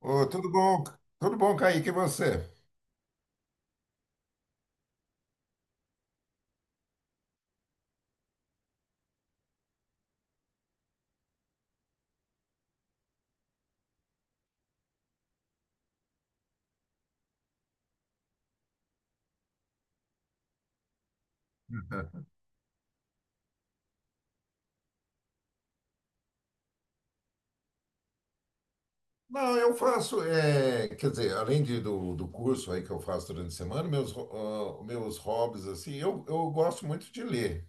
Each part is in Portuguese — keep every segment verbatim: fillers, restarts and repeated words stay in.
Ô, tudo bom? Tudo bom, Kaique, e você? Não, eu faço, é, quer dizer, além de, do, do curso aí que eu faço durante a semana, meus, ho- ah, meus hobbies, assim, eu, eu gosto muito de ler.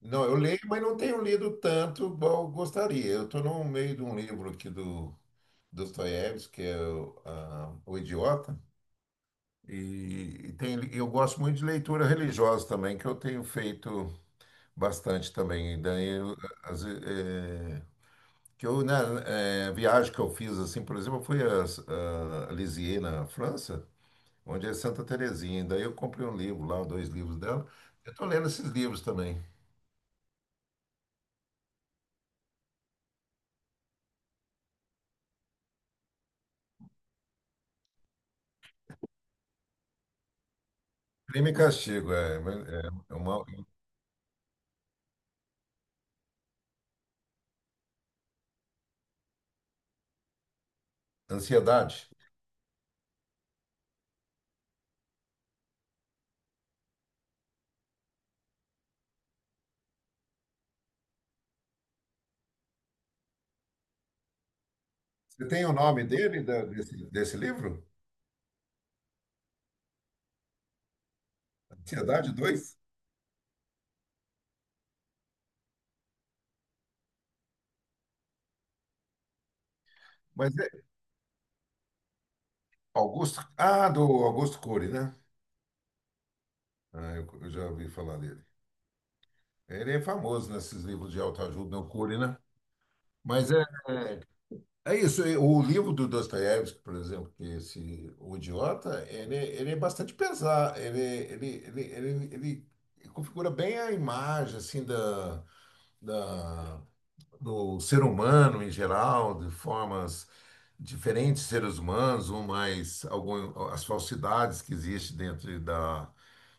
Não, eu leio, mas não tenho lido tanto igual eu gostaria. Eu estou no meio de um livro aqui do Dostoiévski, que é o, ah, O Idiota, e, e tem, eu gosto muito de leitura religiosa também, que eu tenho feito bastante também. Daí, eu, às ve- é, que eu, né, é, viagem que eu fiz, assim, por exemplo, eu fui a, a Lisieux, na França, onde é Santa Terezinha. Daí eu comprei um livro lá, dois livros dela. Eu tô lendo esses livros também. Crime e Castigo, é, é é uma ansiedade. Você tem o nome dele, da- desse, desse livro? Ansiedade dois. Mas é Augusto... Ah, do Augusto Cury, né? Ah, eu, eu já ouvi falar dele. Ele é famoso nesses livros de autoajuda, né, o Cury, né? Mas é. É isso, e o livro do Dostoiévski, por exemplo, que esse O Idiota, ele, ele é bastante pesado, ele, ele, ele, ele, ele configura bem a imagem assim da, da, do ser humano em geral, de formas diferentes, seres humanos, um mais algum, as falsidades que existem dentro da,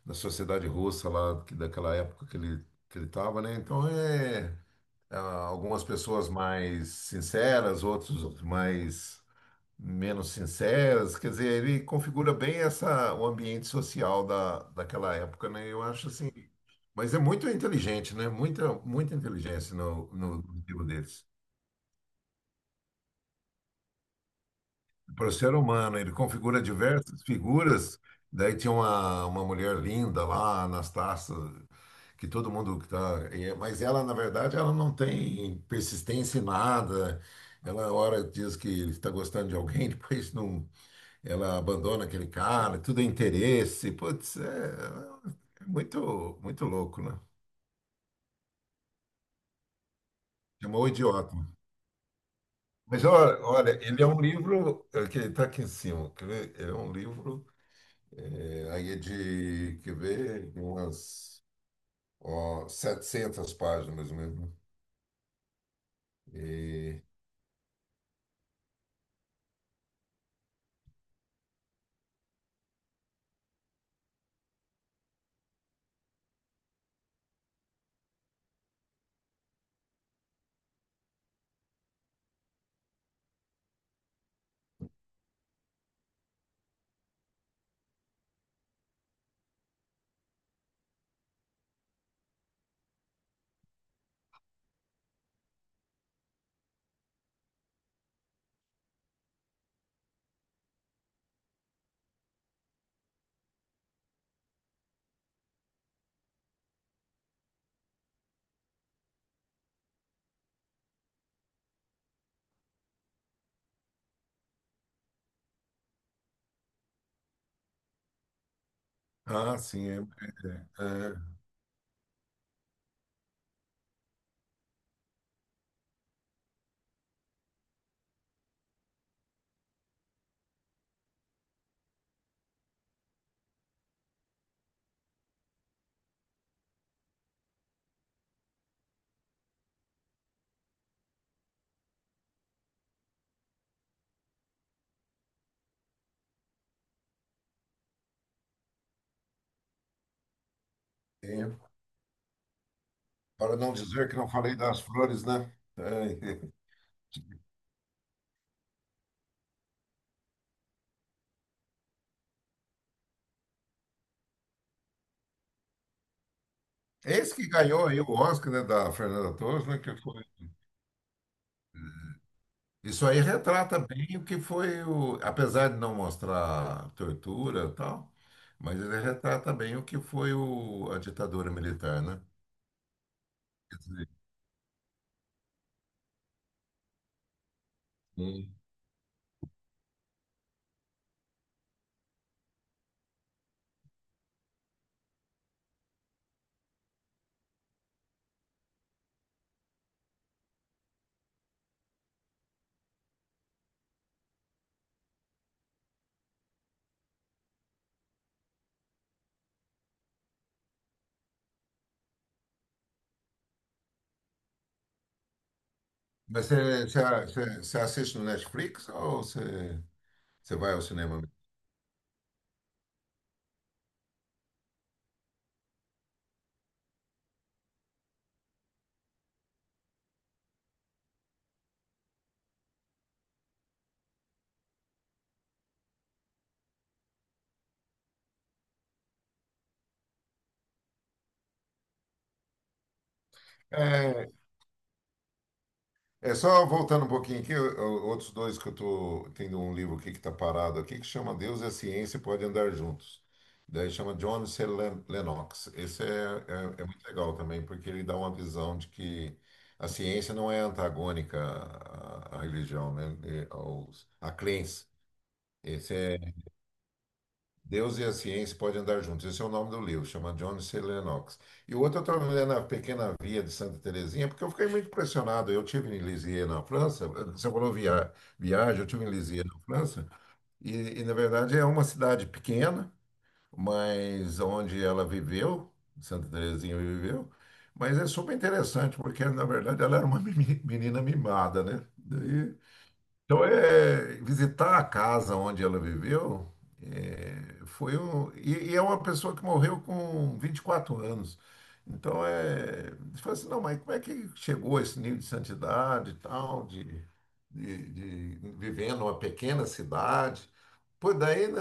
da sociedade russa lá, que- daquela época que ele que ele estava, né? Então é, ah, algumas pessoas mais sinceras, outros mais menos sinceras. Quer dizer, ele configura bem essa, o ambiente social da, daquela época, né? Eu acho assim. Mas é muito inteligente, né? Muita, muita inteligência no, no, no livro deles. Para o ser humano, ele configura diversas figuras. Daí tinha uma, uma mulher linda lá, Anastácia, que todo mundo que tá, é, mas ela, na verdade, ela não tem persistência em nada. Ela hora diz que está gostando de alguém, depois não, ela abandona aquele cara, tudo é interesse. Putz, é, é muito muito louco, né? Chamou o idiota. Mas olha, olha, ele é um livro, é, que está aqui em cima. Quer ver? É um livro, é, aí é de, quer ver, umas, ó, 700 páginas mesmo. Ah, sim. É, é, é. É. Para não dizer que não falei das flores, né? É. Esse que ganhou aí o Oscar, né, da Fernanda Torres, né, que foi. Isso aí retrata bem o que foi o, apesar de não mostrar tortura e tal, mas ele retrata bem o que foi, o, a ditadura militar, né? Quer dizer, sim. Mas você, você, você- você assiste no Netflix ou você, você vai ao cinema mesmo? É, É só voltando um pouquinho aqui, o- o- outros dois que eu tô tendo um livro aqui que está parado aqui, que chama Deus e a Ciência Podem Andar Juntos. Daí chama John C. Len- Lennox. Esse é, é, é muito legal também, porque ele dá uma visão de que a ciência não é antagônica à, à religião, né? E aos, à crença. Esse é Deus e a Ciência Podem Andar Juntos. Esse é o nome do livro, chama John C. Lennox. E o outro eu estava lendo A Pequena Via de Santa Terezinha, porque eu fiquei muito impressionado. Eu tive em Lisieux, na França, você falou via, viagem, eu tive em Lisieux, na França, e, e na verdade, é uma cidade pequena, mas onde ela viveu, Santa Terezinha viveu, mas é super interessante, porque, na verdade, ela era uma meni- menina mimada, né? Daí então, é, é, visitar a casa onde ela viveu, é, foi um. E, e é uma pessoa que morreu com vinte e quatro anos. Então, é, você fala assim: não, mas como é que chegou a esse nível de santidade e tal, de, de, de vivendo uma pequena cidade? Pois daí, né,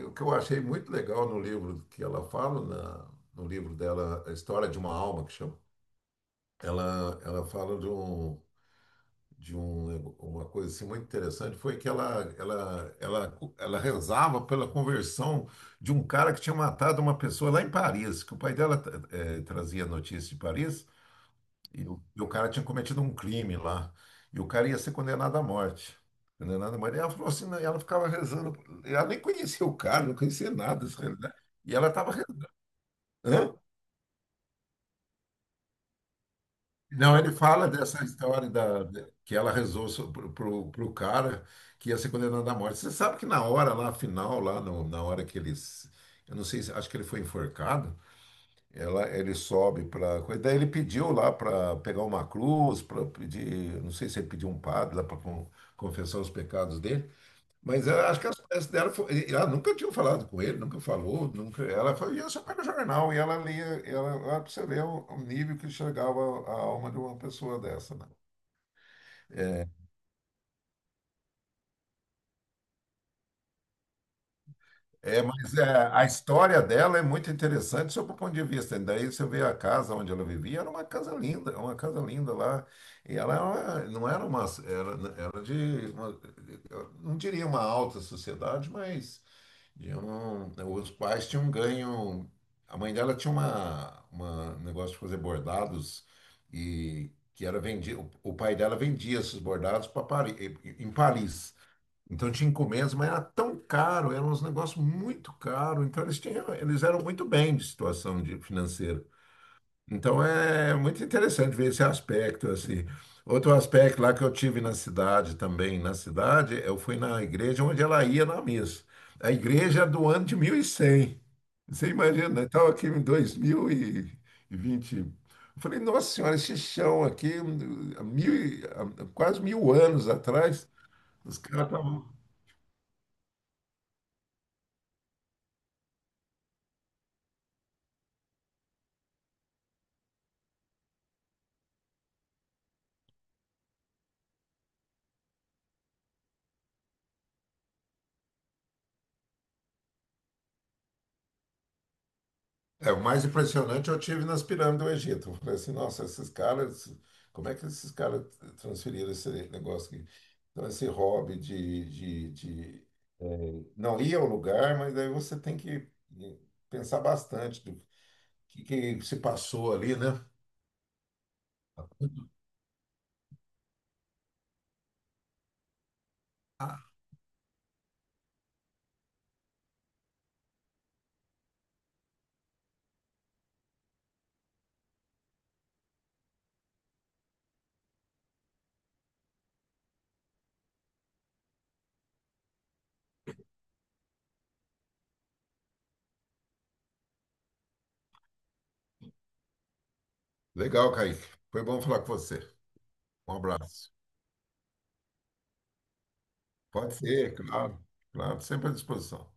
é, o que eu achei muito legal no livro que ela fala, na- no livro dela, A História de uma Alma, que chama, ela, ela fala de um, de um, uma coisa assim muito interessante foi que ela, ela, ela, ela rezava pela conversão de um cara que tinha matado uma pessoa lá em Paris, que o pai dela, eh, trazia notícia de Paris, e o, e o cara tinha cometido um crime lá, e o cara ia ser condenado à morte. Condenado à morte. E ela falou assim, né, e ela ficava rezando, ela nem conhecia o cara, não conhecia nada dessa realidade, e ela estava rezando. Hã? Não, ele fala dessa história da, que ela rezou so- pro, pro, pro cara que ia ser condenado à morte. Você sabe que na hora lá, final, lá no- na hora que eles. Eu não sei, se- acho que ele foi enforcado. Ela, ele sobe para coisa. Daí ele pediu lá para pegar uma cruz, para pedir. Não sei se ele pediu um padre lá para confessar os pecados dele. Mas eu acho que as peças dela, foi, ela nunca tinha falado com ele, nunca falou, nunca. Ela foi, ia só para o jornal e ela lia, ela, lá pra você ver o, o nível que chegava a alma de uma pessoa dessa, né? É, mas é, a história dela é muito interessante sob o ponto de vista, né? Daí você vê a casa onde ela vivia, era uma casa linda, uma casa linda lá. E ela era uma, não era uma, era, era de, uma, eu não diria uma alta sociedade, mas de um- os pais tinham ganho. A mãe dela tinha uma, uma um negócio de fazer bordados e que era vendido. O pai dela vendia esses bordados para Paris, em Paris. Então tinha encomendas, mas era tão caro, era uns negócios muito caro. Então eles tinham, eles eram muito bem de situação, de, financeira. Então é muito interessante ver esse aspecto assim. Outro aspecto lá que eu tive na cidade também, na cidade, eu fui na igreja onde ela ia na missa. A igreja é do ano de mil e cem. Você imagina, eu estava aqui em dois mil e vinte. Eu falei, nossa senhora, esse chão aqui, hum, há mil, e- há quase mil anos atrás, os caras estavam. É, o mais impressionante eu tive nas pirâmides do Egito. Eu falei assim, nossa, esses caras, como é que esses caras transferiram esse negócio aqui? Então, esse hobby de, de, de, eh, não ir ao lugar, mas aí você tem que pensar bastante do que, que se passou ali, né? Ah, legal, Kaique. Foi bom falar com você. Um abraço. Pode ser, claro. Claro, sempre à disposição.